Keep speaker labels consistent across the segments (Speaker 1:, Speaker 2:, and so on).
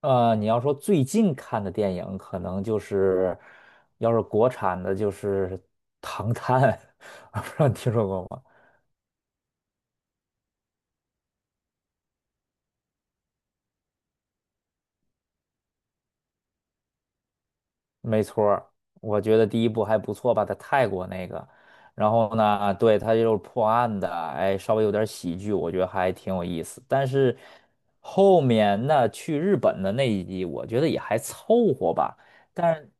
Speaker 1: 你要说最近看的电影，可能就是，要是国产的，就是《唐探》，我不知道你听说过吗？没错儿，我觉得第一部还不错吧，在泰国那个。然后呢，对，它就是破案的，哎，稍微有点喜剧，我觉得还挺有意思。但是后面那去日本的那一集，我觉得也还凑合吧。但。是。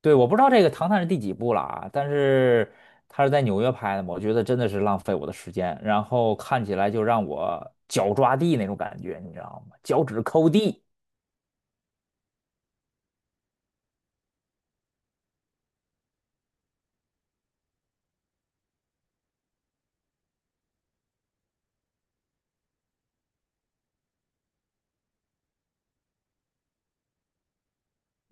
Speaker 1: 对，我不知道这个《唐探》是第几部了啊，但是他是在纽约拍的嘛，我觉得真的是浪费我的时间，然后看起来就让我脚抓地那种感觉，你知道吗？脚趾抠地。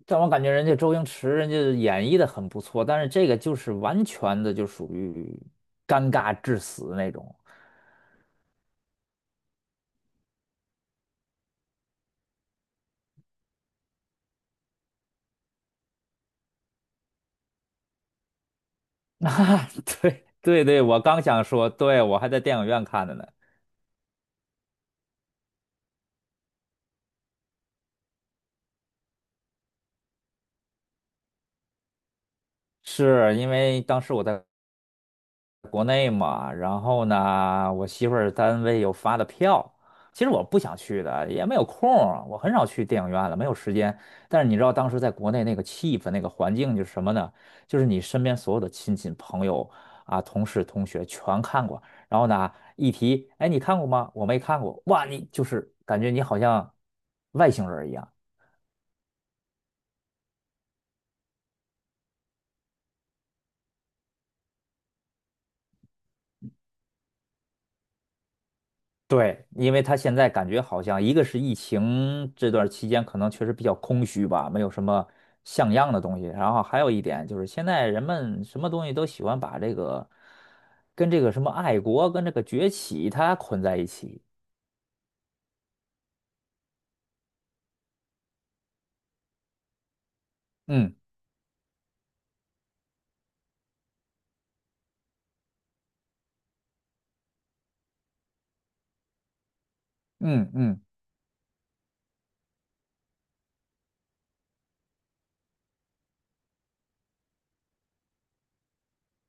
Speaker 1: 但我感觉人家周星驰人家演绎的很不错，但是这个就是完全的就属于尴尬致死那种。啊，对对对，我刚想说，对，我还在电影院看的呢，是因为当时我在。国内嘛，然后呢，我媳妇儿单位又发的票，其实我不想去的，也没有空儿，我很少去电影院了，没有时间。但是你知道当时在国内那个气氛、那个环境就是什么呢？就是你身边所有的亲戚朋友啊、同事同学全看过，然后呢，一提，哎，你看过吗？我没看过，哇，你就是感觉你好像外星人一样。对，因为他现在感觉好像一个是疫情这段期间可能确实比较空虚吧，没有什么像样的东西。然后还有一点就是，现在人们什么东西都喜欢把这个跟这个什么爱国跟这个崛起它捆在一起。嗯嗯，嗯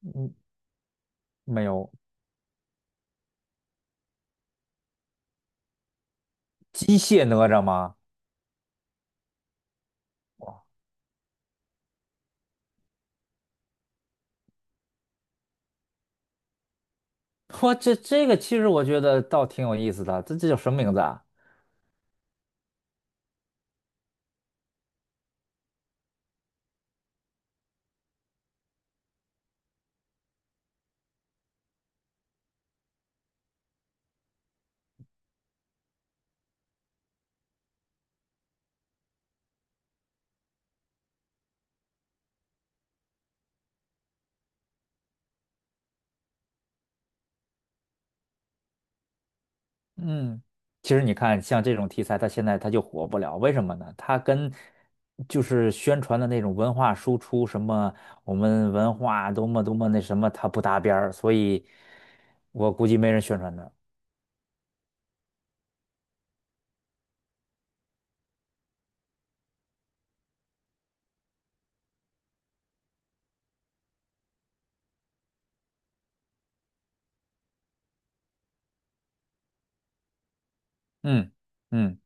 Speaker 1: 嗯，没有。机械哪吒吗？哇，这个其实我觉得倒挺有意思的，这叫什么名字啊？嗯，其实你看，像这种题材，它现在它就火不了，为什么呢？它跟就是宣传的那种文化输出，什么我们文化多么多么那什么，它不搭边儿，所以我估计没人宣传它。嗯嗯，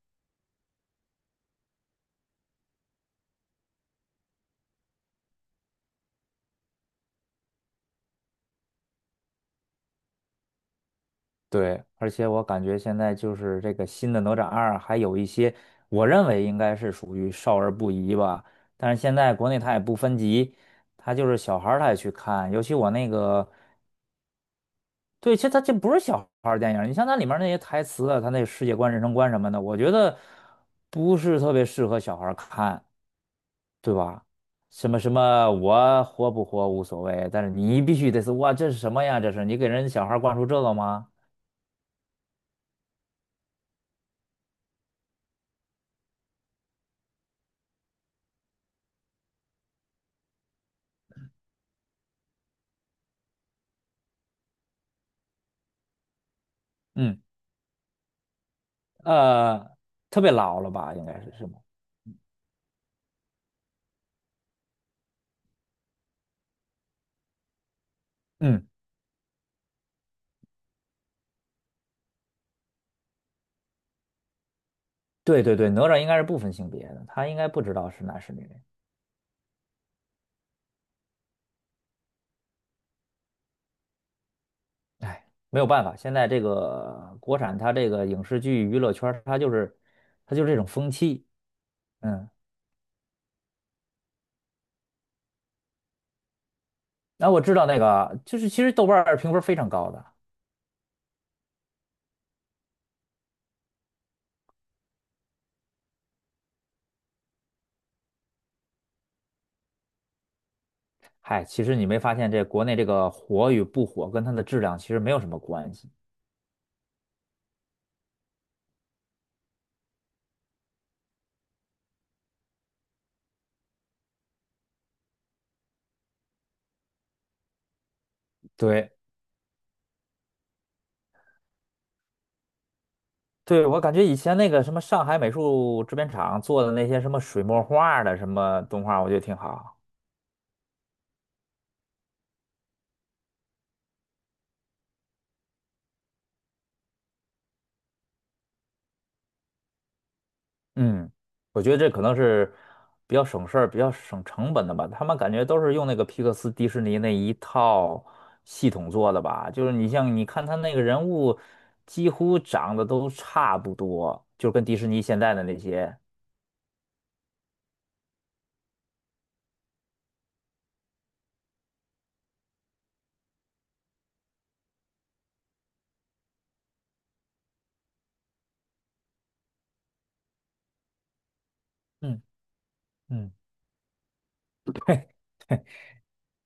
Speaker 1: 对，而且我感觉现在就是这个新的《哪吒二》，还有一些我认为应该是属于少儿不宜吧，但是现在国内它也不分级，它就是小孩儿他也去看，尤其我那个。对，其实它这不是小孩儿电影儿，你像它里面儿那些台词啊，它那世界观、人生观什么的，我觉得不是特别适合小孩儿看，对吧？什么什么，我活不活无所谓，但是你必须得是哇，这是什么呀？这是你给人小孩儿灌输这个吗？嗯，呃，特别老了吧，应该是是吗？嗯，对对对，哪吒应该是不分性别的，他应该不知道是男是女。哎，没有办法，现在这个国产它这个影视剧娱乐圈儿，它就是这种风气。嗯。那我知道那个，就是其实豆瓣儿评分非常高的。嗨，其实你没发现这国内这个火与不火跟它的质量其实没有什么关系。对，对，我感觉以前那个什么上海美术制片厂做的那些什么水墨画的什么动画，我觉得挺好。嗯，我觉得这可能是比较省事儿、比较省成本的吧。他们感觉都是用那个皮克斯、迪士尼那一套系统做的吧。就是你像你看他那个人物，几乎长得都差不多，就跟迪士尼现在的那些。嗯嗯，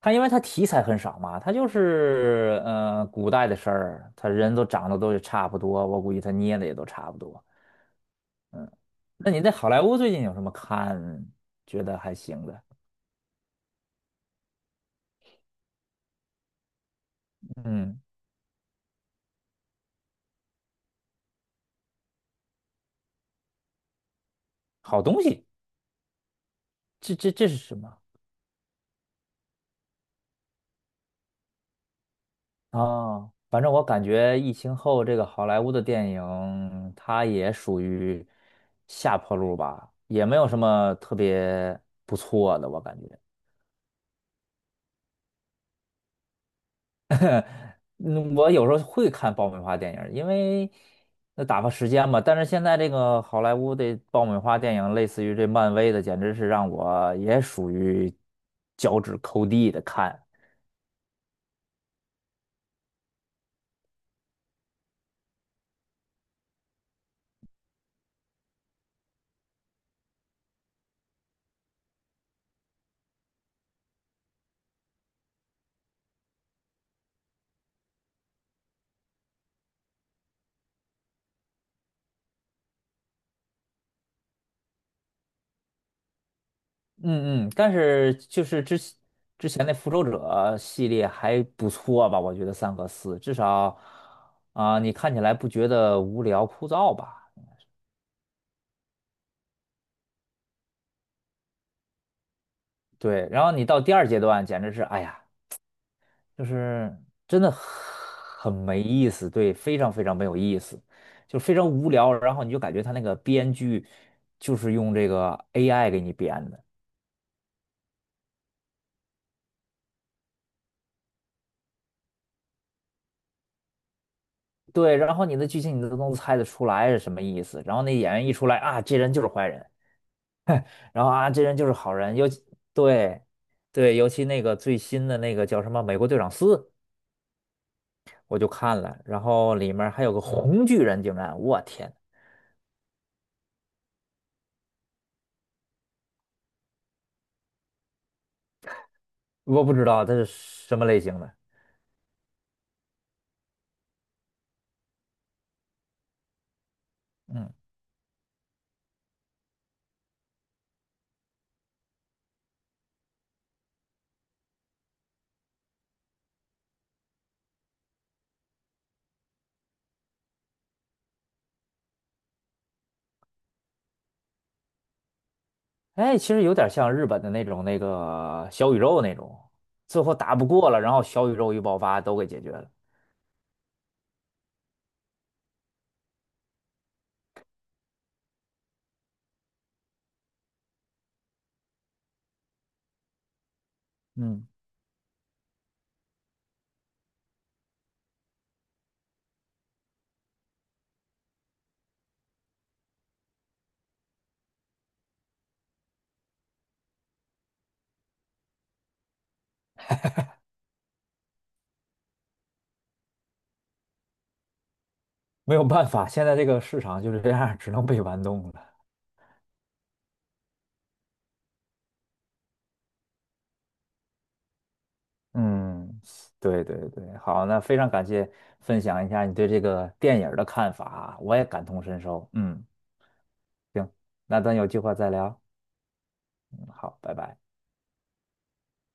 Speaker 1: 他因为他题材很少嘛，他就是古代的事儿，他人都长得都差不多，我估计他捏的也都差不多。那你在好莱坞最近有什么看觉得还行的？嗯，好东西。这这这是什么啊？反正我感觉疫情后这个好莱坞的电影，它也属于下坡路吧，也没有什么特别不错的，我感觉。嗯，我有时候会看爆米花电影，因为那打发时间嘛。但是现在这个好莱坞的爆米花电影，类似于这漫威的，简直是让我也属于脚趾抠地的看。嗯嗯，但是就是之前那《复仇者》系列还不错吧？我觉得三和四至少啊、你看起来不觉得无聊枯燥吧？对，然后你到第二阶段，简直是哎呀，就是真的很没意思，对，非常非常没有意思，就非常无聊。然后你就感觉他那个编剧就是用这个 AI 给你编的，对，然后你的剧情你都能猜得出来是什么意思，然后那演员一出来啊，这人就是坏人。然后啊，这人就是好人，尤其对对，尤其那个最新的那个叫什么《美国队长四》，我就看了，然后里面还有个红巨人，竟然，我天，我不知道他是什么类型的。嗯，哎，其实有点像日本的那种那个小宇宙那种，最后打不过了，然后小宇宙一爆发都给解决了。嗯，没有办法，现在这个市场就是这样，只能被玩弄了。嗯，对对对，好，那非常感谢分享一下你对这个电影儿的看法啊，我也感同身受。嗯，行，那咱有机会再聊。嗯，好，拜拜。